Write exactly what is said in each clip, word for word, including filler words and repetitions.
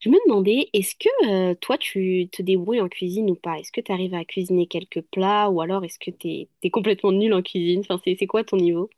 Je me demandais, est-ce que euh, toi tu te débrouilles en cuisine ou pas? Est-ce que tu arrives à cuisiner quelques plats ou alors est-ce que t'es t'es complètement nul en cuisine? Enfin, c'est c'est quoi ton niveau?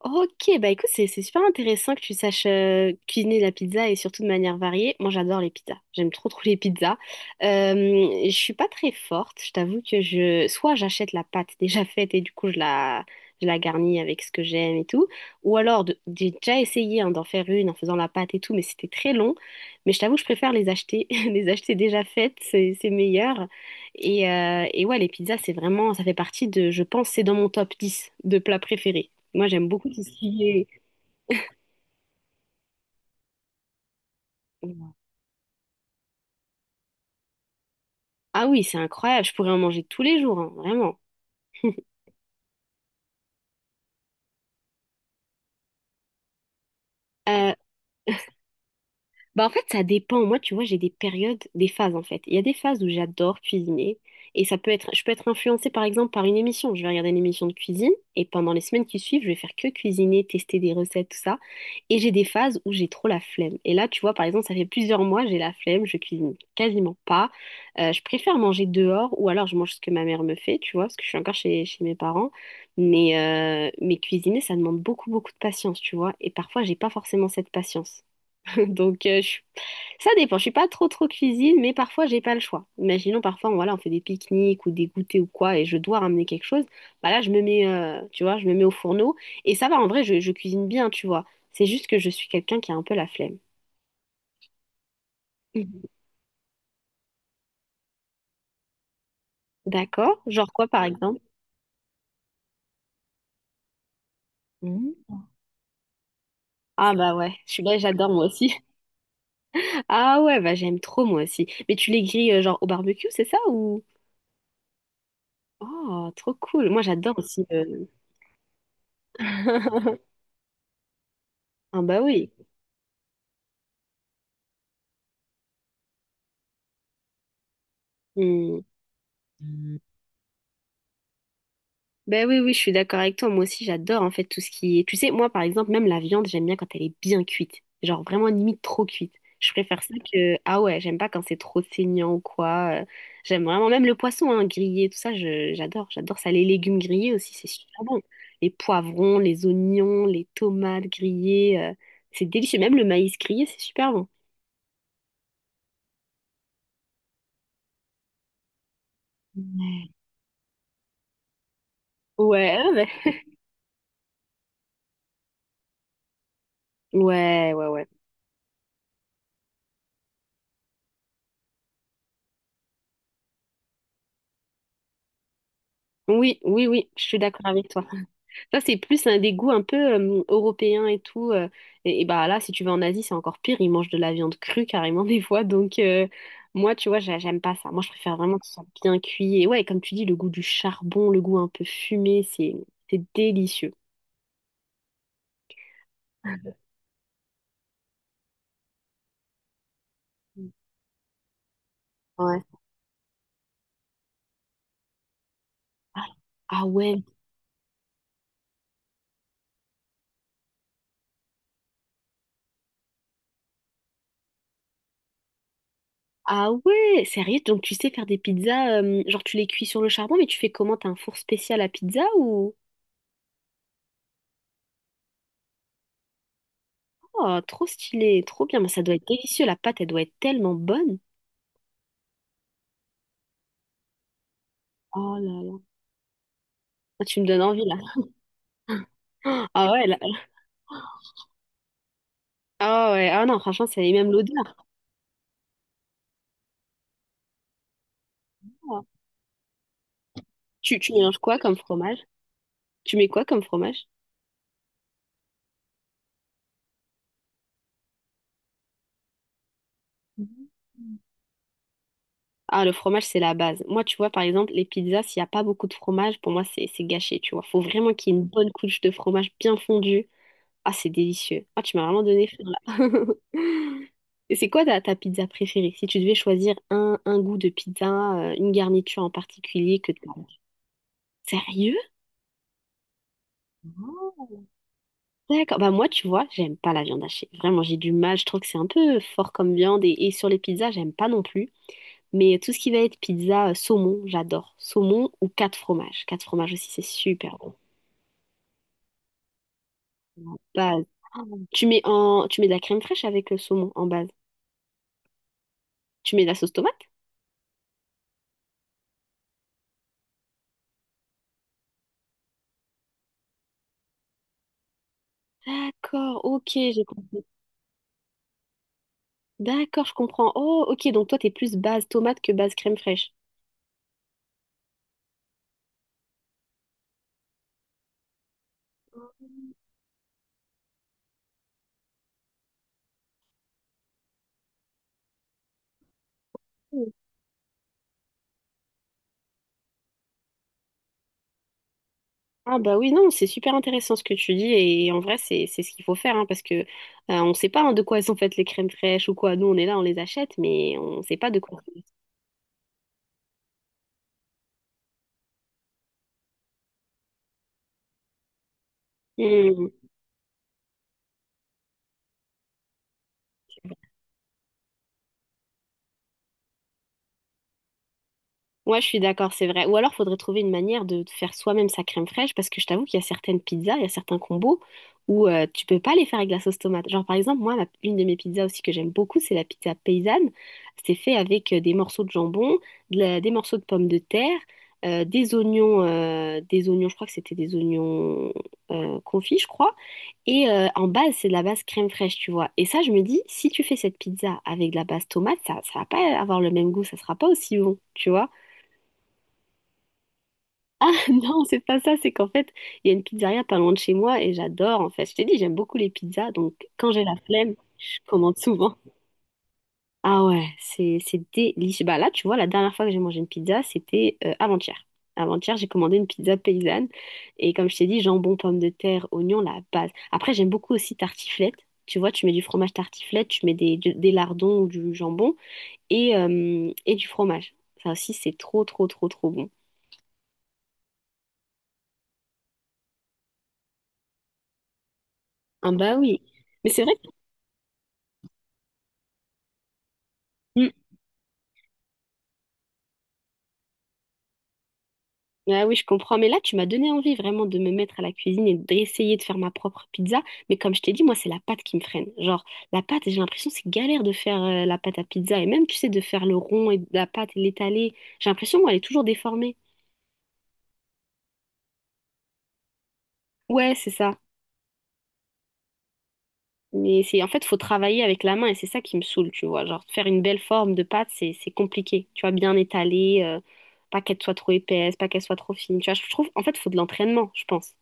Ok, bah écoute, c'est c'est super intéressant que tu saches euh, cuisiner la pizza et surtout de manière variée. Moi, j'adore les pizzas. J'aime trop trop les pizzas. Euh, je suis pas très forte. Je t'avoue que je soit j'achète la pâte déjà faite et du coup je la je la garnis avec ce que j'aime et tout, ou alors de- j'ai déjà essayé hein, d'en faire une en faisant la pâte et tout, mais c'était très long. Mais je t'avoue, je préfère les acheter les acheter déjà faites, c'est c'est meilleur. Et, euh, et ouais, les pizzas, c'est vraiment ça fait partie de je pense c'est dans mon top dix de plats préférés. Moi, j'aime beaucoup tout ce qui est... euh, Ah oui, c'est incroyable, je pourrais en manger tous les jours, hein, vraiment. Euh, Bah en fait, ça dépend. Moi, tu vois, j'ai des périodes, des phases en fait. Il y a des phases où j'adore cuisiner et ça peut être, je peux être influencée par exemple par une émission. Je vais regarder une émission de cuisine et pendant les semaines qui suivent, je vais faire que cuisiner, tester des recettes, tout ça. Et j'ai des phases où j'ai trop la flemme. Et là, tu vois, par exemple, ça fait plusieurs mois, j'ai la flemme, je cuisine quasiment pas. Euh, je préfère manger dehors ou alors je mange ce que ma mère me fait, tu vois, parce que je suis encore chez, chez mes parents. Mais, euh, mais cuisiner, ça demande beaucoup, beaucoup de patience, tu vois. Et parfois, j'ai pas forcément cette patience. Donc, euh, je suis ça dépend, je suis pas trop trop cuisine, mais parfois j'ai pas le choix. Imaginons parfois on, voilà, on fait des pique-niques ou des goûters ou quoi et je dois ramener quelque chose. Bah là je me mets euh, tu vois, je me mets au fourneau et ça va en vrai je, je cuisine bien, tu vois. C'est juste que je suis quelqu'un qui a un peu la flemme. Mhm. D'accord? Genre quoi par exemple? Mhm. Ah bah ouais, je suis là, j'adore moi aussi. Ah ouais, bah j'aime trop moi aussi. Mais tu les grilles euh, genre au barbecue, c'est ça ou Oh, trop cool. Moi j'adore aussi euh, Ah bah oui. Hmm. Ben oui, oui, je suis d'accord avec toi. Moi aussi, j'adore en fait tout ce qui est. Tu sais, moi par exemple, même la viande, j'aime bien quand elle est bien cuite. Genre vraiment limite trop cuite. Je préfère ça que. Ah ouais, j'aime pas quand c'est trop saignant ou quoi. Euh, J'aime vraiment même le poisson hein, grillé, tout ça, je- j'adore. J'adore ça. Les légumes grillés aussi, c'est super bon. Les poivrons, les oignons, les tomates grillées, euh, c'est délicieux. Même le maïs grillé, c'est super bon. Ouais. Ouais, ouais, ouais, ouais, ouais. Oui, oui, oui, je suis d'accord avec toi. Ça, c'est plus un dégoût un peu euh, européen et tout. euh, et, et bah là, si tu vas en Asie, c'est encore pire. Ils mangent de la viande crue carrément des fois. Donc, euh, moi, tu vois, j'a- j'aime pas ça. Moi, je préfère vraiment que ce soit bien cuit. Et ouais, comme tu dis, le goût du charbon, le goût un peu fumé, c'est c'est délicieux. Ouais. Ah, ah ouais. Ah ouais. Sérieux? Donc, tu sais faire des pizzas, euh, genre, tu les cuis sur le charbon, mais tu fais comment? T'as un four spécial à pizza ou. Oh, trop stylé, trop bien. Mais ça doit être délicieux. La pâte, elle doit être tellement bonne. Oh là là. Ah, tu me donnes envie, là. Ah ouais, là- ah ouais, ah non, franchement, c'est même l'odeur. Tu, tu mélanges quoi comme fromage? Tu mets quoi comme fromage? Mhm. Ah, le fromage, c'est la base. Moi, tu vois, par exemple, les pizzas, s'il n'y a pas beaucoup de fromage, pour moi, c'est c'est gâché, tu vois. Faut vraiment qu'il y ait une bonne couche de fromage bien fondu. Ah, c'est délicieux. Ah, tu m'as vraiment donné faim, là. Et c'est quoi ta, ta pizza préférée? Si tu devais choisir un, un goût de pizza, euh, une garniture en particulier que tu... Sérieux? D'accord. Bah moi, tu vois, j'aime pas la viande hachée. Vraiment, j'ai du mal. Je trouve que c'est un peu fort comme viande. Et, et sur les pizzas, j'aime pas non plus. Mais tout ce qui va être pizza euh, saumon, j'adore. Saumon ou quatre fromages. Quatre fromages aussi, c'est super bon. En base. Ah, Tu mets en, tu mets de la crème fraîche avec le saumon en base. Tu mets de la sauce tomate? D'accord, ok, j'ai compris. D'accord, je comprends. Oh, ok, donc toi, t'es plus base tomate que base crème fraîche. Ah bah oui, non, c'est super intéressant ce que tu dis et en vrai c'est c'est ce qu'il faut faire hein, parce que euh, On sait pas hein, de quoi elles sont faites les crèmes fraîches ou quoi. Nous on est là, on les achète mais on sait pas de quoi. Ouais, je suis d'accord, c'est vrai. Ou alors, faudrait trouver une manière de faire soi-même sa crème fraîche, parce que je t'avoue qu'il y a certaines pizzas, il y a certains combos où euh, tu peux pas les faire avec la sauce tomate. Genre, par exemple, moi, ma- une de mes pizzas aussi que j'aime beaucoup, c'est la pizza paysanne. C'est fait avec euh, des morceaux de jambon, de la- des morceaux de pommes de terre, euh, des oignons, euh, des oignons, je crois que c'était des oignons euh, confits, je crois. Et euh, en base, c'est de la base crème fraîche, tu vois. Et ça, je me dis, si tu fais cette pizza avec de la base tomate, ça, ça va pas avoir le même goût, ça sera pas aussi bon, tu vois. Ah non, c'est pas ça, c'est qu'en fait, il y a une pizzeria pas loin de chez moi et j'adore en fait. Je t'ai dit, j'aime beaucoup les pizzas, donc quand j'ai la flemme, je commande souvent. Ah ouais, c'est c'est délicieux. Bah là, tu vois, la dernière fois que j'ai mangé une pizza, c'était euh, avant-hier. Avant-hier, j'ai commandé une pizza paysanne et comme je t'ai dit, jambon, pommes de terre, oignons, la base. Après, j'aime beaucoup aussi tartiflette. Tu vois, tu mets du fromage tartiflette, tu mets des, du- des lardons ou du jambon et, euh, et du fromage. Ça aussi, c'est trop, trop, trop, trop bon. Ah bah oui. Mais c'est vrai que... Ah oui, je comprends. Mais là, tu m'as donné envie vraiment de me mettre à la cuisine et d'essayer de faire ma propre pizza. Mais comme je t'ai dit, moi, c'est la pâte qui me freine. Genre, la pâte, j'ai l'impression que c'est galère de faire euh, la pâte à pizza. Et même, tu sais, de faire le rond et de la pâte et l'étaler. J'ai l'impression, moi, elle est toujours déformée. Ouais, c'est ça. Mais c'est en fait, faut travailler avec la main et c'est ça qui me saoule, tu vois. Genre, faire une belle forme de pâte, c'est c'est compliqué. Tu vois, bien étaler, euh, pas qu'elle soit trop épaisse, pas qu'elle soit trop fine. Tu vois, je trouve, en fait, faut de l'entraînement, je pense.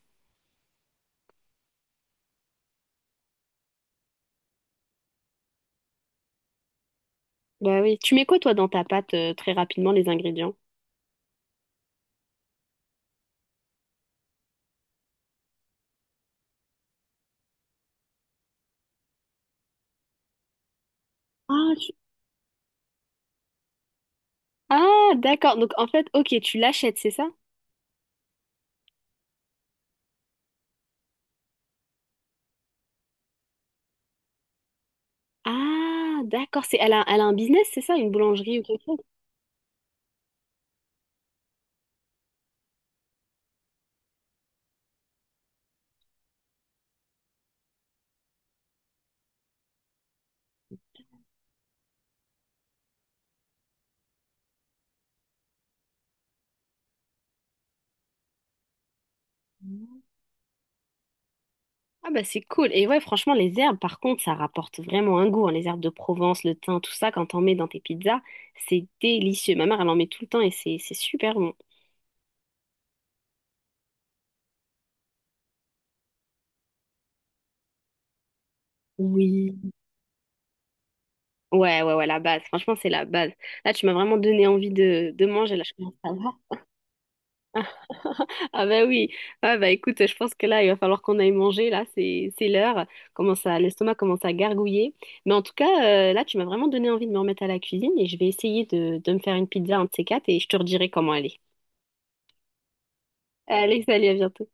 Bah oui. Tu mets quoi, toi, dans ta pâte, euh, très rapidement, les ingrédients? Ah, tu- ah, d'accord. Donc en fait, ok, tu l'achètes, c'est ça? Ah, d'accord. C'est, elle a, elle a un business, c'est ça? Une boulangerie ou quelque chose? Ah bah c'est cool. Et ouais, franchement, les herbes, par contre, ça rapporte vraiment un goût. hein. Les herbes de Provence, le thym, tout ça, quand t'en mets dans tes pizzas, c'est délicieux. Ma mère, elle en met tout le temps et c'est c'est super bon. Oui. Ouais, ouais, ouais, la base. Franchement, c'est la base. Là, tu m'as vraiment donné envie de, de manger. Là, je commence à avoir. Ah bah oui, ah bah écoute, je pense que là, il va falloir qu'on aille manger, là, c'est c'est l'heure, commence à, l'estomac commence à gargouiller. Mais en tout cas, euh, là, tu m'as vraiment donné envie de me remettre à la cuisine et je vais essayer de, de me faire une pizza, un de ces quatre, et je te redirai comment elle est. Allez, salut, à bientôt.